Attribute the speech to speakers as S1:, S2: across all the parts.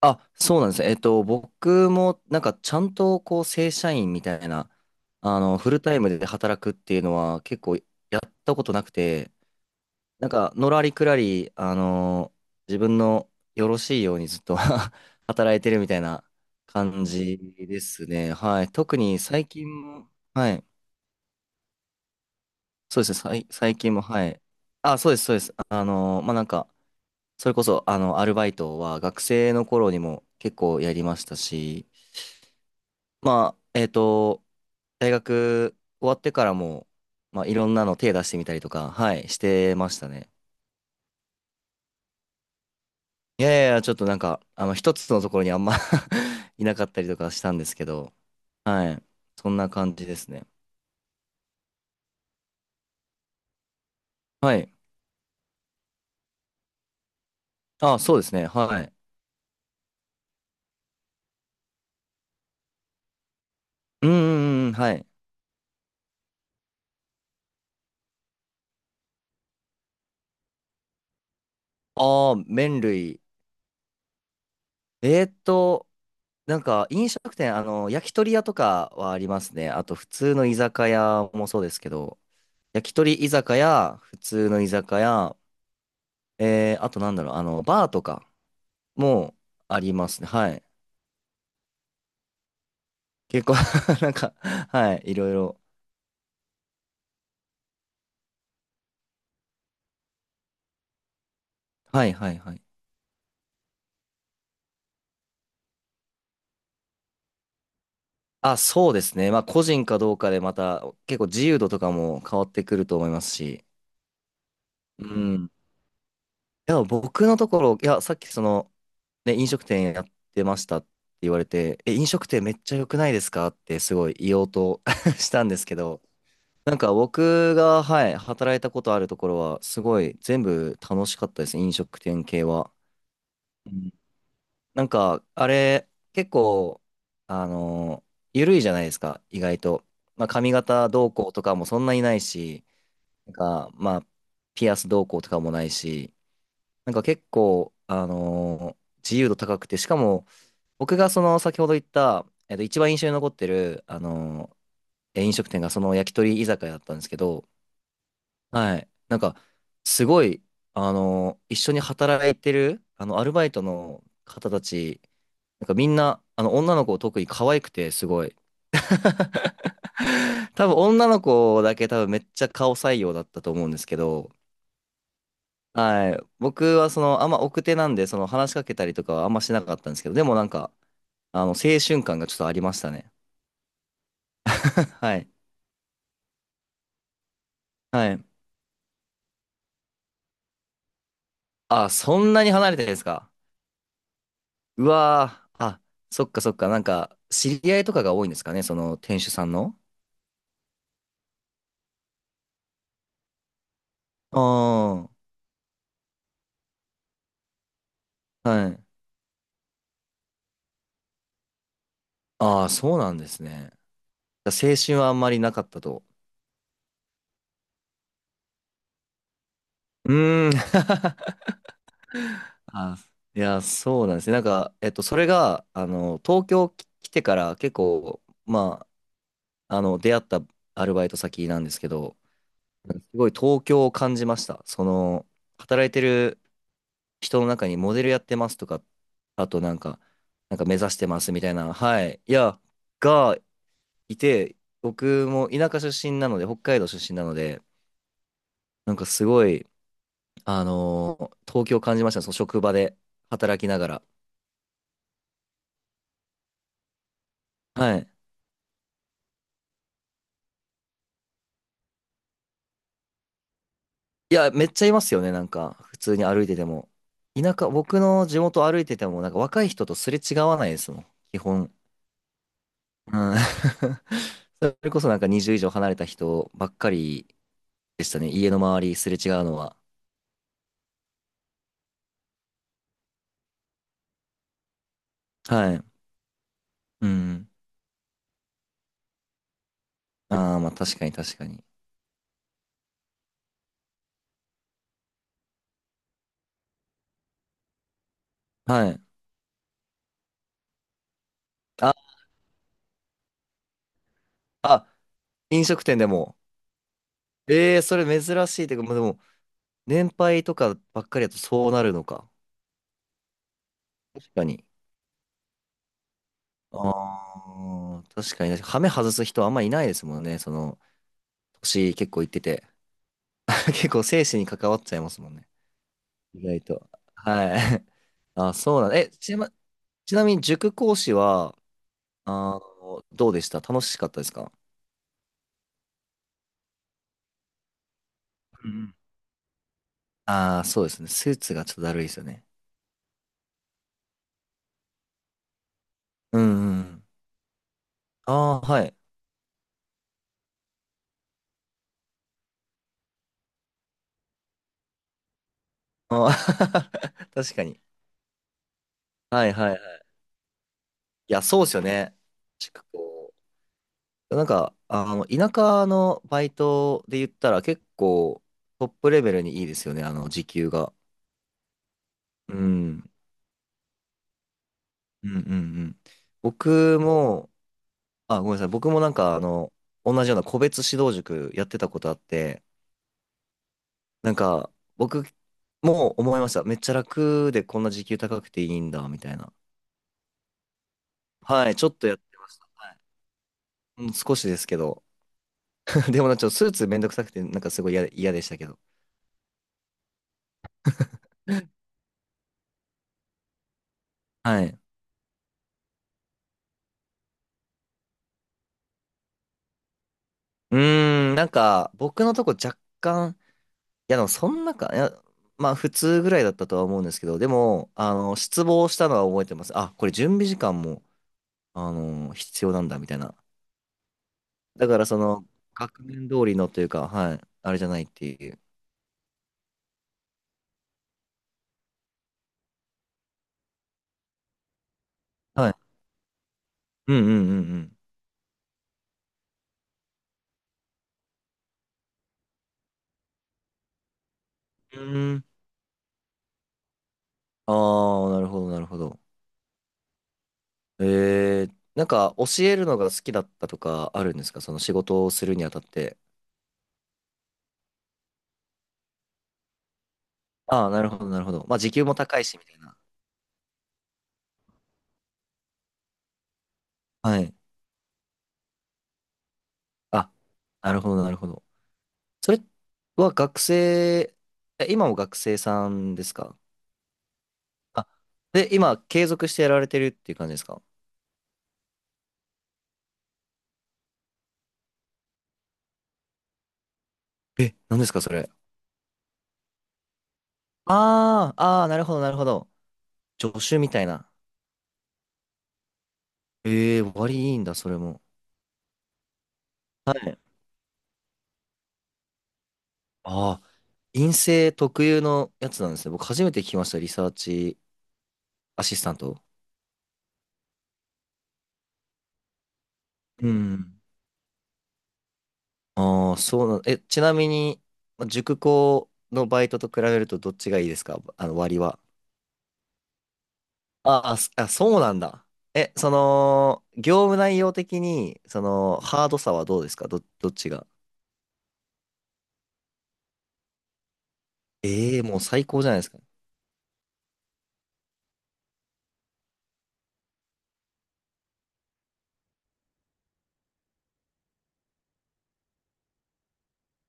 S1: あ、そうなんですね。僕も、ちゃんと、正社員みたいな、フルタイムで働くっていうのは、結構、やったことなくて、なんか、のらりくらり、自分のよろしいようにずっと 働いてるみたいな感じですね。はい。特に最近も、はい。そうですね。最近も、はい。あ、そうです。それこそ、アルバイトは、学生の頃にも結構やりましたし、まあ、えっと、大学終わってからも、まあ、いろんなの手出してみたりとか、はい、してましたね。いやいやいや、ちょっとなんか、一つのところにあんま いなかったりとかしたんですけど、はい、そんな感じですね。はい。あ、そうですね、はい。うん、うん、はい。ああ、麺類。えーっと、飲食店、焼き鳥屋とかはありますね。あと、普通の居酒屋もそうですけど、焼き鳥居酒屋、普通の居酒屋、あとなんだろう、バーとかもありますね。はい。結構 なんか、はい、いろいろ。はい、はい、はい。あ、そうですね。まあ、個人かどうかでまた、結構自由度とかも変わってくると思いますし。うん。いや、僕のところ、いや、さっきその、ね、飲食店やってましたって言われて、え、飲食店めっちゃ良くないですかってすごい言おうと したんですけど、なんか僕が、はい、働いたことあるところは、すごい全部楽しかったです。飲食店系は。なんか、あれ、結構、あの緩いじゃないですか、意外と。まあ、髪型どうこうとかもそんなにないし、なんか、まあ、ピアスどうこうとかもないし、なんか結構、自由度高くて、しかも、僕がその、先ほど言った、一番印象に残ってる、あのえ飲食店がその焼き鳥居酒屋だったんですけど、はい。なんか、すごい、一緒に働いてる、アルバイトの方たち、なんかみんな、女の子特に可愛くて、すごい。多分女の子だけめっちゃ顔採用だったと思うんですけど、はい。僕はその、あんま奥手なんで、その話しかけたりとかはあんましなかったんですけど、でもなんか、青春感がちょっとありましたね。はい。はい。あ、そんなに離れてるんですか？うわー。あ、そっかそっか。なんか、知り合いとかが多いんですかね、その店主さんの。ああ、はい。ああ、そうなんですね。青春はあんまりなかったと。うーん。あ、いや、そうなんですね。なんか、それが、東京き来てから結構、出会ったアルバイト先なんですけど、すごい東京を感じました。その、働いてる人の中にモデルやってますとか、あとなんか、なんか目指してますみたいな、はい。いや、がいて、僕も田舎出身なので、北海道出身なので、なんかすごい、東京を感じました。その職場で働きながら。はい。いや、めっちゃいますよね、なんか、普通に歩いてても。田舎、僕の地元歩いてても、なんか若い人とすれ違わないですもん、基本。うん。それこそなんか20以上離れた人ばっかりでしたね、家の周りすれ違うのは。はい。うん。ああ、まあ確かに確かに。はい。あ、あ、飲食店でも。ええ、それ珍しいというか、まあでも、年配とかばっかりだとそうなるのか。確かに。ああ、確かに。はめ外す人あんまいないですもんね、その、星結構行ってて、結構生死に関わっちゃいますもんね。意外と。はい。あ、そうなんだ。え、ちなみに塾講師は、あどうでした？楽しかったですか？うんうん。ああー、そうですね。スーツがちょっとだるいですよね。うんうん。ああ、はい。あー 確かに。はいはいはい。いや、そうですよね。塾講。田舎のバイトで言ったら結構トップレベルにいいですよね。あの、時給が。うん。うんうんうん。僕も、あ、ごめんなさい。僕もなんか、同じような個別指導塾やってたことあって、なんか、僕も思いました。めっちゃ楽でこんな時給高くていいんだ、みたいな。はい、ちょっとやってました。はい。うん、少しですけど。でもなんかちょっとスーツめんどくさくて、なんかすごい嫌でしたけど。はい。うーん、なんか、僕のとこ若干、いや、でもそんなか、いや、まあ普通ぐらいだったとは思うんですけど、でも、失望したのは覚えてます。あ、これ準備時間も、必要なんだみたいな。だからその、学年通りのというか、はい、あれじゃないっていう。はい。うんうんうんうん。うん。ああ、なるほど、なるほど。えー、なんか教えるのが好きだったとかあるんですか？その仕事をするにあたって。ああ、なるほど、なるほど。まあ時給も高いし、みたいな。はい。あ、なるほど、なるほど。それは学生、え、今も学生さんですか？あ、で、今継続してやられてるっていう感じですか？え、何ですかそれ。ああ、ああ、なるほど、なるほど。助手みたいな。ええ、割いいんだ、それも。はい。ああ、陰性特有のやつなんですね。僕初めて聞きました、リサーチアシスタント。うん。ああ、そうな、ちなみに、ま塾講のバイトと比べるとどっちがいいですか？あの、割は。ああ、そうなんだ。え、その、業務内容的に、その、ハードさはどうですか？どっちが。ええ、もう最高じゃないですか。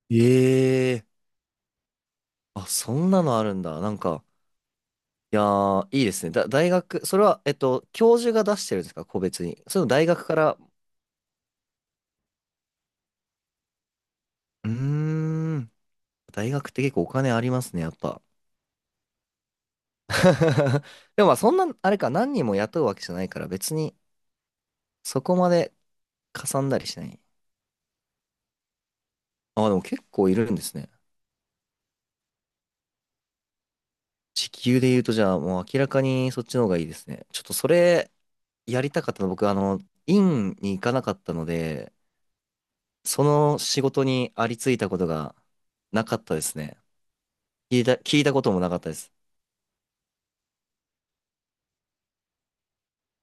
S1: ええ、あ、そんなのあるんだ。いやー、いいですね。大学、それは、教授が出してるんですか、個別に。その大学から、うーん、大学って結構お金ありますね、やっぱ。でもまあ、そんな、あれか、何人も雇うわけじゃないから、別に、そこまでかさんだりしない。あ、でも結構いるんですね。時給で言うと、じゃあ、もう明らかにそっちの方がいいですね。ちょっとそれ、やりたかったの、僕、院に行かなかったので、その仕事にありついたことがなかったですね。聞いたこともなかったです。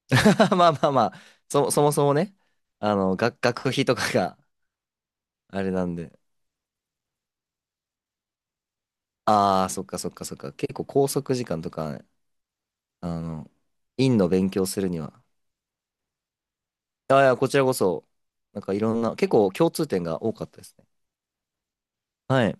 S1: まあまあまあ、そもそもね、学費とかが あれなんで。ああ、そっかそっかそっか。結構拘束時間とか、あの、院の勉強するには。ああいや、こちらこそ、なんかいろんな、結構共通点が多かったですね。はい。